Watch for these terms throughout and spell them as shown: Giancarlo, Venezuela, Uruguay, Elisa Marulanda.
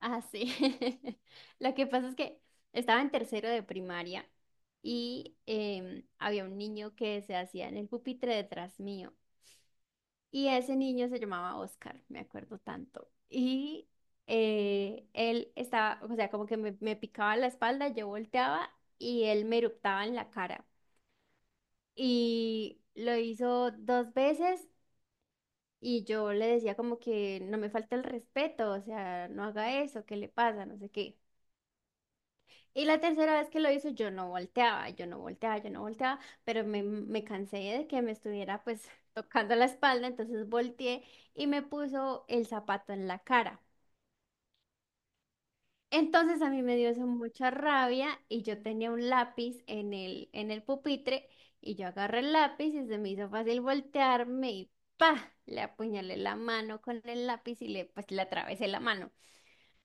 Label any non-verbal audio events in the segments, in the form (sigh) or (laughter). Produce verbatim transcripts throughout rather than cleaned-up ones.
Ah, sí. (laughs) Lo que pasa es que estaba en tercero de primaria y em, había un niño que se hacía en el pupitre detrás mío. Y ese niño se llamaba Oscar, me acuerdo tanto. Y eh, él estaba, o sea, como que me, me picaba la espalda, yo volteaba y él me eruptaba en la cara. Y lo hizo dos veces y yo le decía como que no me falta el respeto, o sea, no haga eso, ¿qué le pasa? No sé qué. Y la tercera vez que lo hizo, yo no volteaba, yo no volteaba, yo no volteaba, pero me, me cansé de que me estuviera pues (laughs) tocando la espalda, entonces volteé y me puso el zapato en la cara. Entonces a mí me dio eso mucha rabia y yo tenía un lápiz en el, en el pupitre y yo agarré el lápiz y se me hizo fácil voltearme y ¡pa! Le apuñalé la mano con el lápiz y le pues le atravesé la mano.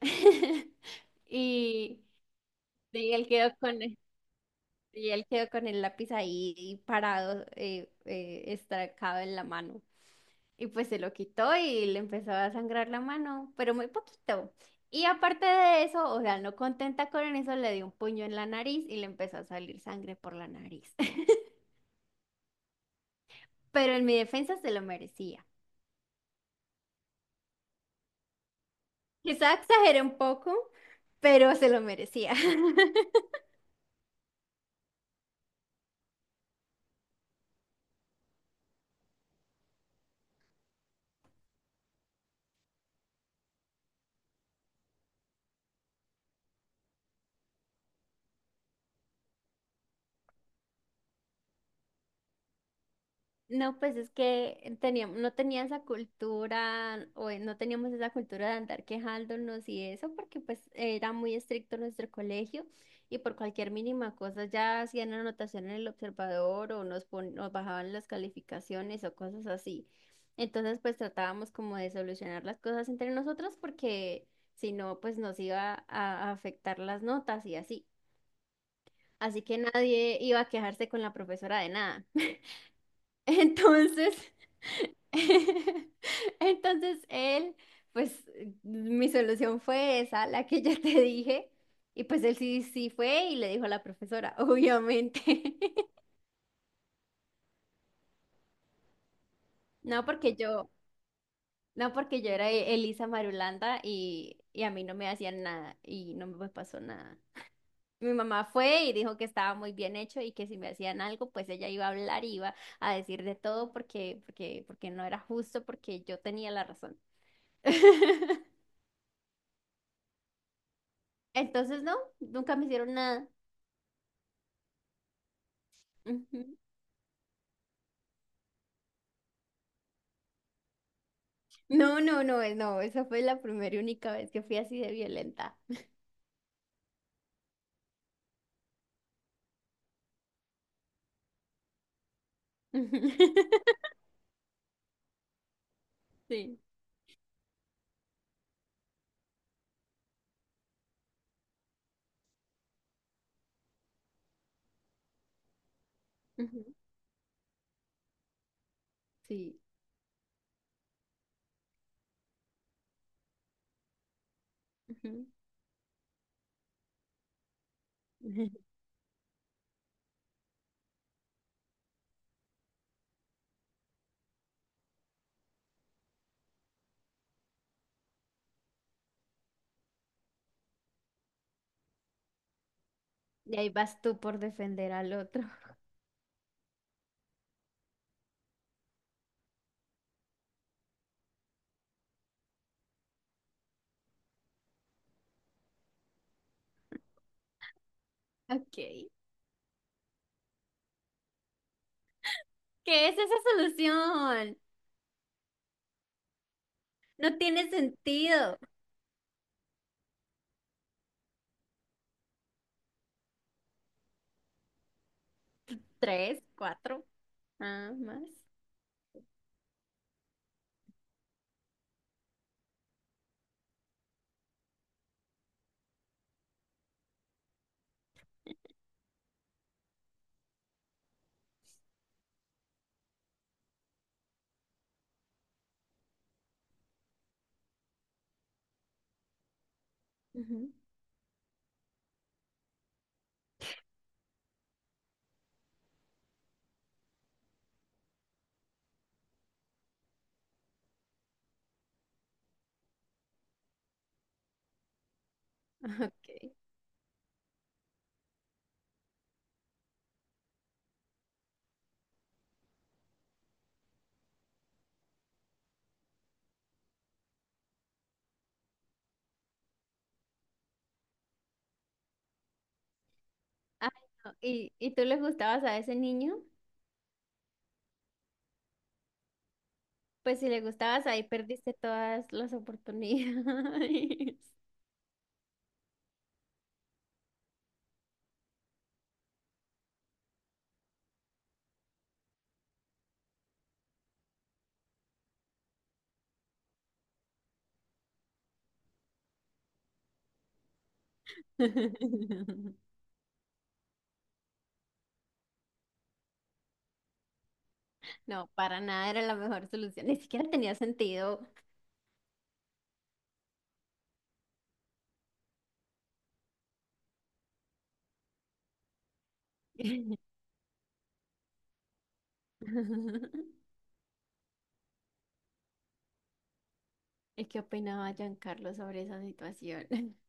(laughs) Y, y él quedó con Y él quedó con el lápiz ahí parado, eh, eh, estracado en la mano. Y pues se lo quitó y le empezó a sangrar la mano, pero muy poquito. Y aparte de eso, o sea, no contenta con eso, le dio un puño en la nariz y le empezó a salir sangre por la nariz. (laughs) Pero en mi defensa se lo merecía. Quizá exageré un poco, pero se lo merecía. (laughs) No, pues es que teníamos, no tenía esa cultura, o eh, no teníamos esa cultura de andar quejándonos y eso, porque pues era muy estricto nuestro colegio y por cualquier mínima cosa ya hacían anotación en el observador o nos, pon- nos bajaban las calificaciones o cosas así. Entonces pues tratábamos como de solucionar las cosas entre nosotros porque si no pues nos iba a a afectar las notas y así. Así que nadie iba a quejarse con la profesora de nada. (laughs) Entonces... (laughs) Entonces él, pues mi solución fue esa, la que ya te dije, y pues él sí, sí fue y le dijo a la profesora, (laughs) obviamente. (laughs) No porque yo, no porque yo era E- Elisa Marulanda y, y a mí no me hacían nada y no me pasó nada. Mi mamá fue y dijo que estaba muy bien hecho y que si me hacían algo, pues ella iba a hablar, y iba a decir de todo porque, porque, porque no era justo, porque yo tenía la razón. (laughs) Entonces, no, nunca me hicieron nada. Ujú. No, no, no, eh, no, esa fue la primera y única vez que fui así de violenta. Ujú. (laughs) Sí, ujú, sí. Ujú. (laughs) Y ahí vas tú por defender al otro. (laughs) Ok. ¿Qué es esa solución? No tiene sentido. Tres, cuatro, ah, más. Ujú. (laughs) Ok. Ay, no, ¿y, y tú le gustabas a ese niño? Pues si le gustabas, ahí perdiste todas las oportunidades. (laughs) No, para nada era la mejor solución. Ni siquiera tenía sentido. (laughs) ¿Y qué opinaba Giancarlo sobre esa situación? (laughs)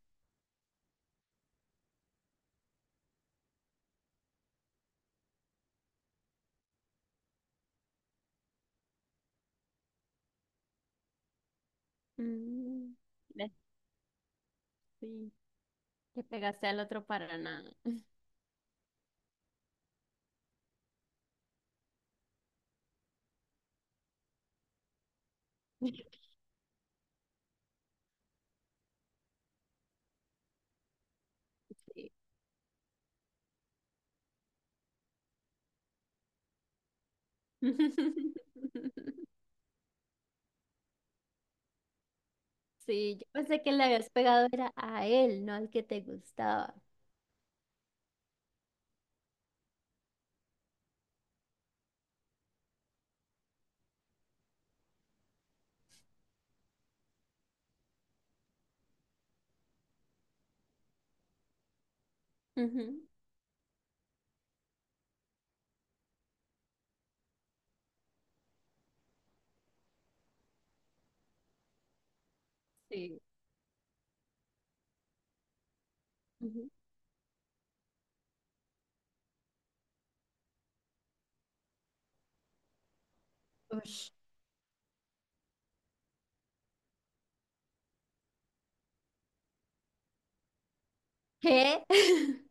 Mm, la- sí, que pegaste al otro para nada. (laughs) Sí. (laughs) Sí, yo pensé que le habías pegado era a él, no al que te gustaba. Ujú, sí. Ujú. Ush. ¿Qué? (laughs)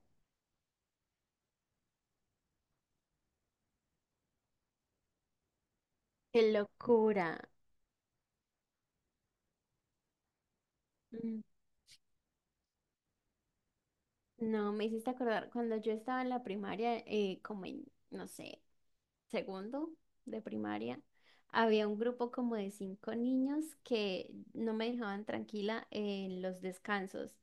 Qué locura. Mm, no, me hiciste acordar cuando yo estaba en la primaria, eh, como en, no sé. Segundo de primaria, había un grupo como de cinco niños que no me dejaban tranquila en los descansos.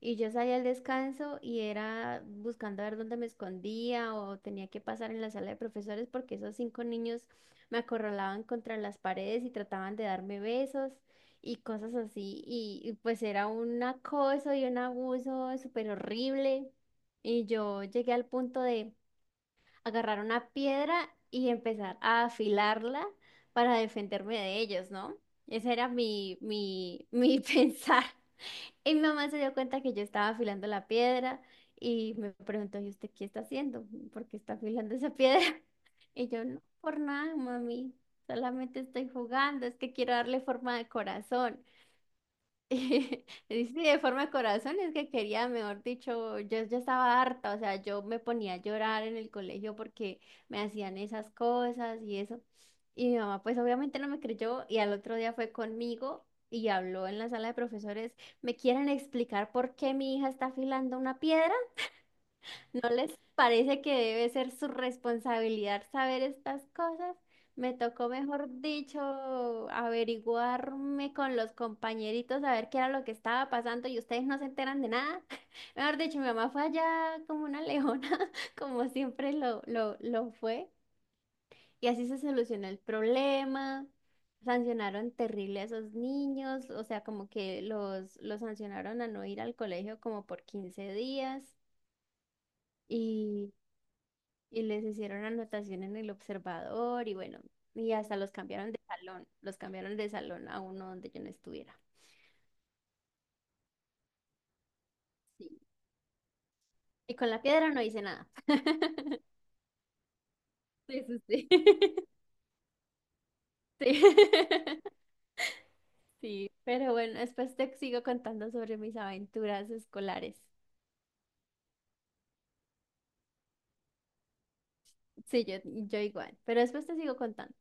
Y yo salía al descanso y era buscando a ver dónde me escondía o tenía que pasar en la sala de profesores porque esos cinco niños me acorralaban contra las paredes y trataban de darme besos y cosas así. Y, y pues era un acoso y un abuso súper horrible. Y yo llegué al punto de agarrar una piedra y empezar a afilarla para defenderme de ellos, ¿no? Ese era mi, mi, mi (laughs) pensar. Y mi mamá se dio cuenta que yo estaba afilando la piedra y me preguntó, ¿y usted qué está haciendo? ¿Por qué está afilando esa piedra? (laughs) Y yo, no, por nada, mami, solamente estoy jugando, es que quiero darle forma de corazón. (laughs) Y sí, de forma de corazón es que quería, mejor dicho, yo ya estaba harta, o sea, yo me ponía a llorar en el colegio porque me hacían esas cosas y eso. Y mi mamá pues obviamente no me creyó y al otro día fue conmigo y habló en la sala de profesores, ¿me quieren explicar por qué mi hija está afilando una piedra? ¿No les parece que debe ser su responsabilidad saber estas cosas? Me tocó, mejor dicho, averiguarme con los compañeritos a ver qué era lo que estaba pasando y ustedes no se enteran de nada. (laughs) Mejor dicho, mi mamá fue allá como una leona, (laughs) como siempre lo, lo, lo fue. Y así se solucionó el problema. Sancionaron terrible a esos niños, o sea, como que los, los sancionaron a no ir al colegio como por quince días. Y les hicieron anotación en el observador y bueno, y hasta los cambiaron de salón, los cambiaron de salón a uno donde yo no estuviera. Sí. Y con la piedra no hice nada. (laughs) Sí, sí, sí. (laughs) Sí. (laughs) Sí, pero bueno, después te sigo contando sobre mis aventuras escolares. Sí, yo, yo igual, pero después te sigo contando.